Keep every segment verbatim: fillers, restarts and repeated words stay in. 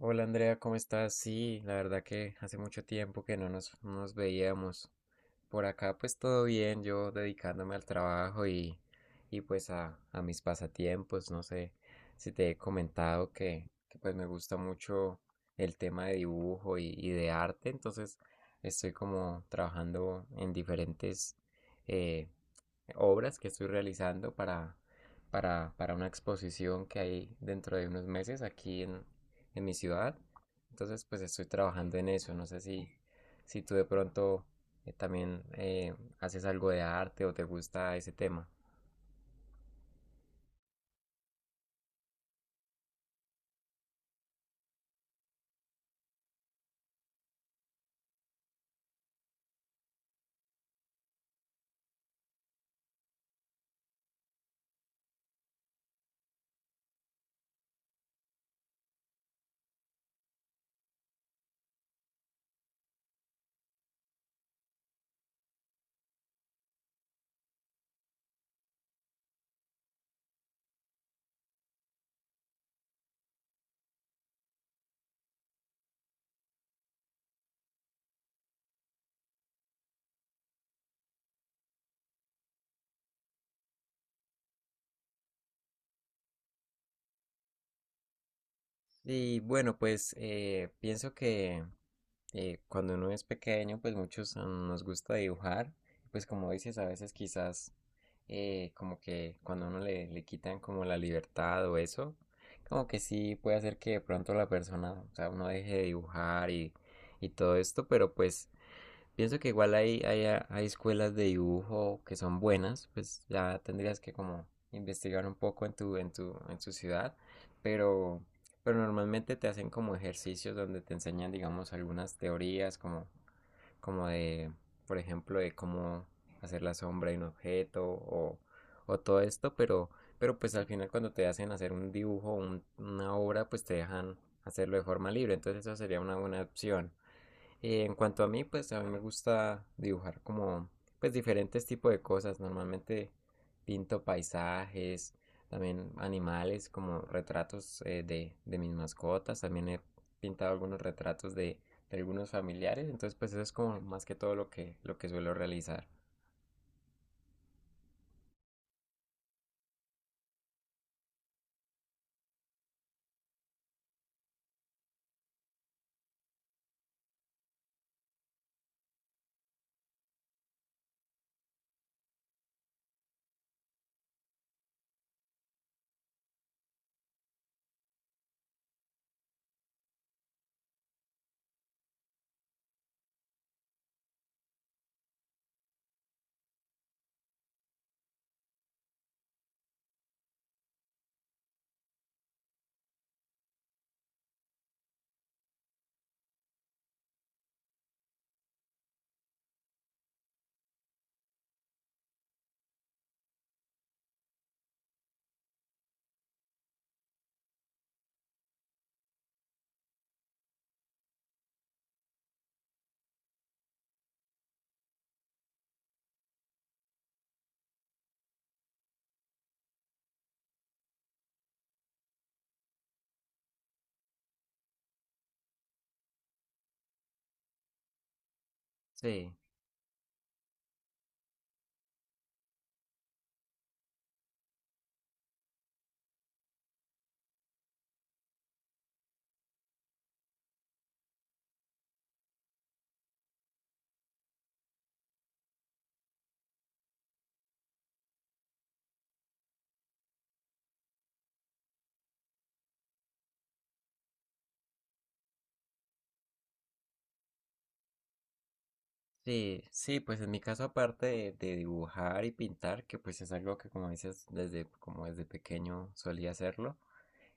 Hola Andrea, ¿cómo estás? Sí, la verdad que hace mucho tiempo que no nos, no nos veíamos. Por acá pues todo bien, yo dedicándome al trabajo y, y pues a, a mis pasatiempos. No sé si te he comentado que, que, pues me gusta mucho el tema de dibujo y, y de arte, entonces estoy como trabajando en diferentes eh, obras que estoy realizando para, para, para una exposición que hay dentro de unos meses aquí en, en mi ciudad. Entonces, pues estoy trabajando en eso. No sé si, si tú de pronto eh, también eh, haces algo de arte o te gusta ese tema. Y bueno, pues eh, pienso que eh, cuando uno es pequeño, pues muchos mm, nos gusta dibujar. Pues como dices, a veces quizás eh, como que cuando uno le, le quitan como la libertad o eso, como que sí puede hacer que de pronto la persona, o sea, uno deje de dibujar y, y todo esto, pero pues pienso que igual hay, hay, hay escuelas de dibujo que son buenas, pues ya tendrías que como investigar un poco en tu, en tu, en tu ciudad, pero, pero normalmente te hacen como ejercicios donde te enseñan, digamos, algunas teorías como como de, por ejemplo, de cómo hacer la sombra de un objeto o, o todo esto, pero, pero pues al final cuando te hacen hacer un dibujo, un- una obra, pues te dejan hacerlo de forma libre, entonces eso sería una buena opción. Y en cuanto a mí, pues a mí me gusta dibujar como pues diferentes tipos de cosas. Normalmente pinto paisajes, también animales, como retratos eh, de, de mis mascotas. También he pintado algunos retratos de, de algunos familiares. Entonces, pues eso es como más que todo lo que, lo que suelo realizar. Sí, sí, sí, pues en mi caso, aparte de, de dibujar y pintar, que pues es algo que como dices, desde, como desde pequeño solía hacerlo.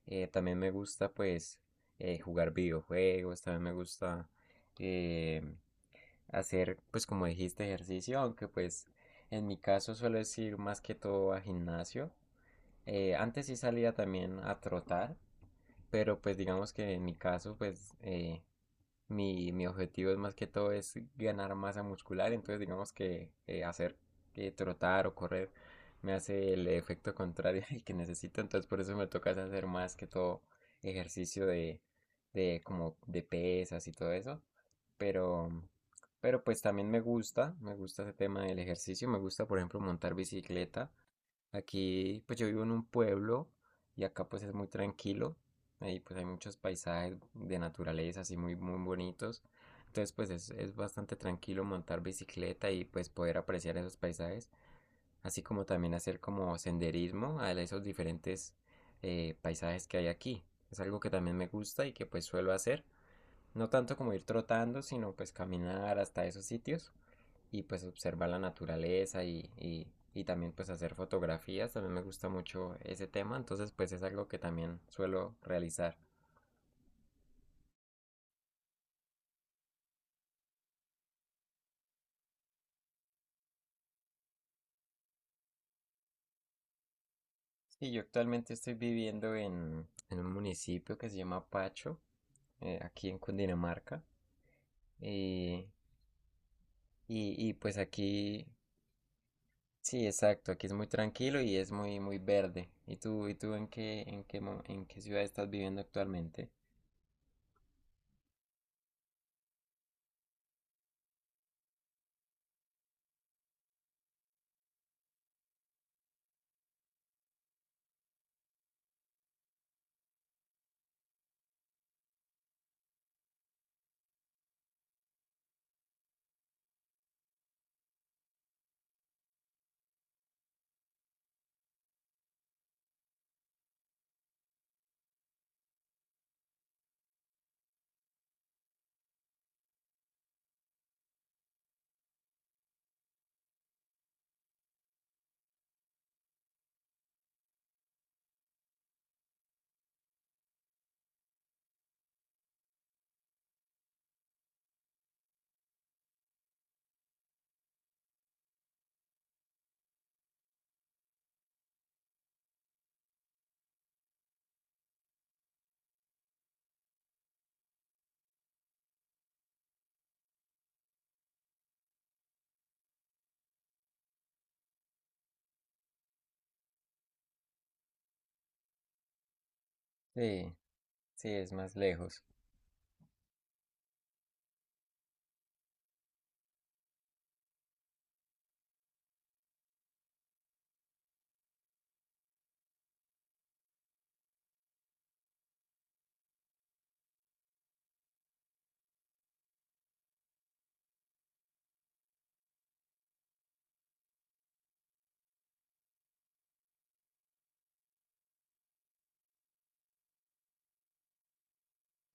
Eh, también me gusta pues eh, jugar videojuegos, también me gusta eh, hacer pues como dijiste ejercicio, aunque pues en mi caso suelo ir más que todo a gimnasio. Eh, antes sí salía también a trotar, pero pues digamos que en mi caso pues eh, mi, mi objetivo es más que todo es ganar masa muscular, entonces digamos que eh, hacer eh, trotar o correr me hace el efecto contrario al que necesito, entonces por eso me toca hacer más que todo ejercicio de, de como de pesas y todo eso, pero, pero pues también me gusta, me gusta ese tema del ejercicio, me gusta por ejemplo montar bicicleta. Aquí, pues yo vivo en un pueblo y acá pues es muy tranquilo. Ahí pues hay muchos paisajes de naturaleza así muy, muy bonitos. Entonces pues es, es bastante tranquilo montar bicicleta y pues poder apreciar esos paisajes. Así como también hacer como senderismo a esos diferentes eh, paisajes que hay aquí. Es algo que también me gusta y que pues suelo hacer. No tanto como ir trotando, sino pues caminar hasta esos sitios y pues observar la naturaleza y, y, y también pues hacer fotografías, también me gusta mucho ese tema, entonces pues es algo que también suelo realizar. Sí, yo actualmente estoy viviendo en, en un municipio que se llama Pacho, eh, aquí en Cundinamarca, y, y, y pues aquí, sí, exacto, aquí es muy tranquilo y es muy, muy verde. ¿Y tú, y tú en qué, en qué, mo- en qué ciudad estás viviendo actualmente? Sí, sí, es más lejos.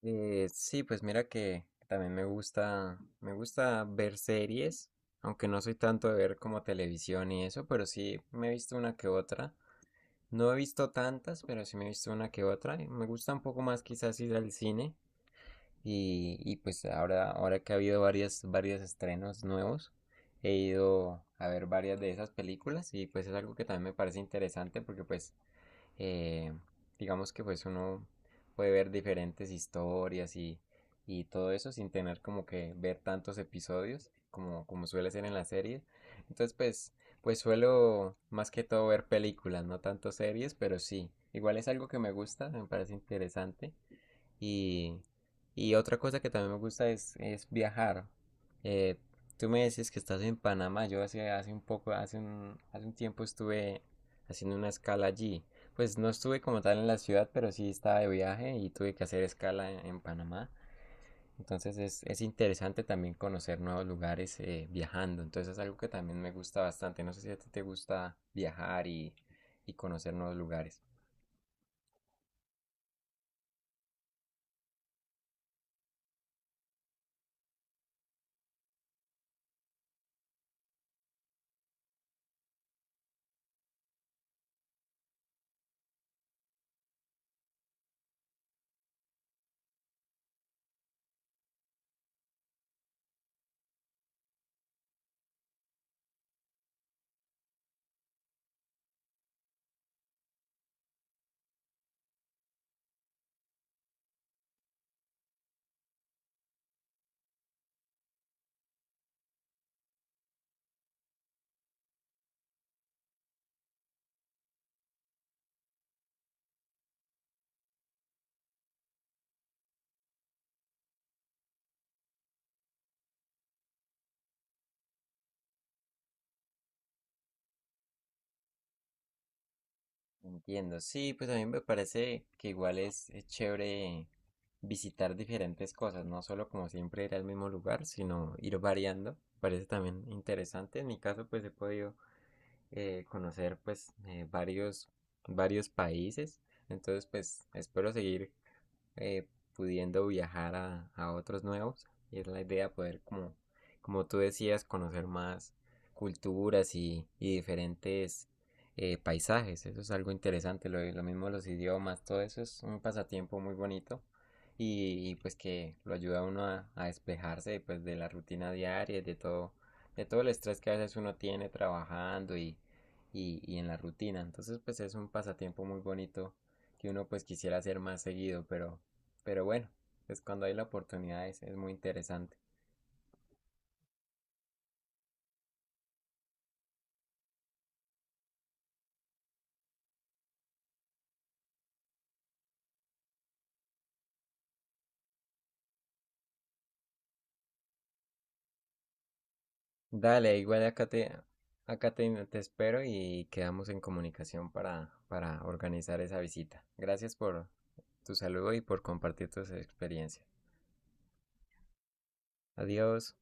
Eh, sí, pues mira que también me gusta, me gusta ver series, aunque no soy tanto de ver como televisión y eso, pero sí me he visto una que otra. No he visto tantas, pero sí me he visto una que otra. Y Me gusta un poco más quizás ir al cine y, y pues ahora, ahora que ha habido varias, varios estrenos nuevos, he ido a ver varias de esas películas y pues es algo que también me parece interesante porque pues eh, digamos que pues uno puede ver diferentes historias y, y todo eso sin tener como que ver tantos episodios como, como suele ser en la serie. Entonces pues, pues suelo más que todo ver películas, no tanto series, pero sí. Igual es algo que me gusta, me parece interesante y, y otra cosa que también me gusta es, es viajar. Eh, Tú me decías que estás en Panamá. Yo hace, hace un poco, hace un, hace un tiempo estuve haciendo una escala allí. Pues no estuve como tal en la ciudad, pero sí estaba de viaje y tuve que hacer escala en, en Panamá. Entonces es, es interesante también conocer nuevos lugares eh, viajando. Entonces es algo que también me gusta bastante. No sé si a ti te gusta viajar y, y conocer nuevos lugares. Entiendo, sí, pues a mí me parece que igual es, es chévere visitar diferentes cosas, no solo como siempre ir al mismo lugar, sino ir variando, parece también interesante. En mi caso, pues he podido eh, conocer pues eh, varios, varios países, entonces pues espero seguir eh, pudiendo viajar a, a otros nuevos. Y es la idea poder, como, como tú decías, conocer más culturas y, y diferentes eh, paisajes. Eso es algo interesante. Lo, lo mismo los idiomas, todo eso es un pasatiempo muy bonito. Y, y pues que lo ayuda a uno a, a despejarse pues, de la rutina diaria, de todo, de todo el estrés que a veces uno tiene trabajando y, y, y en la rutina. Entonces pues es un pasatiempo muy bonito que uno pues quisiera hacer más seguido, pero pero bueno, pues cuando hay la oportunidad es, es muy interesante. Dale, igual acá te, acá te, te espero y quedamos en comunicación para, para organizar esa visita. Gracias por tu saludo y por compartir tus experiencias. Adiós.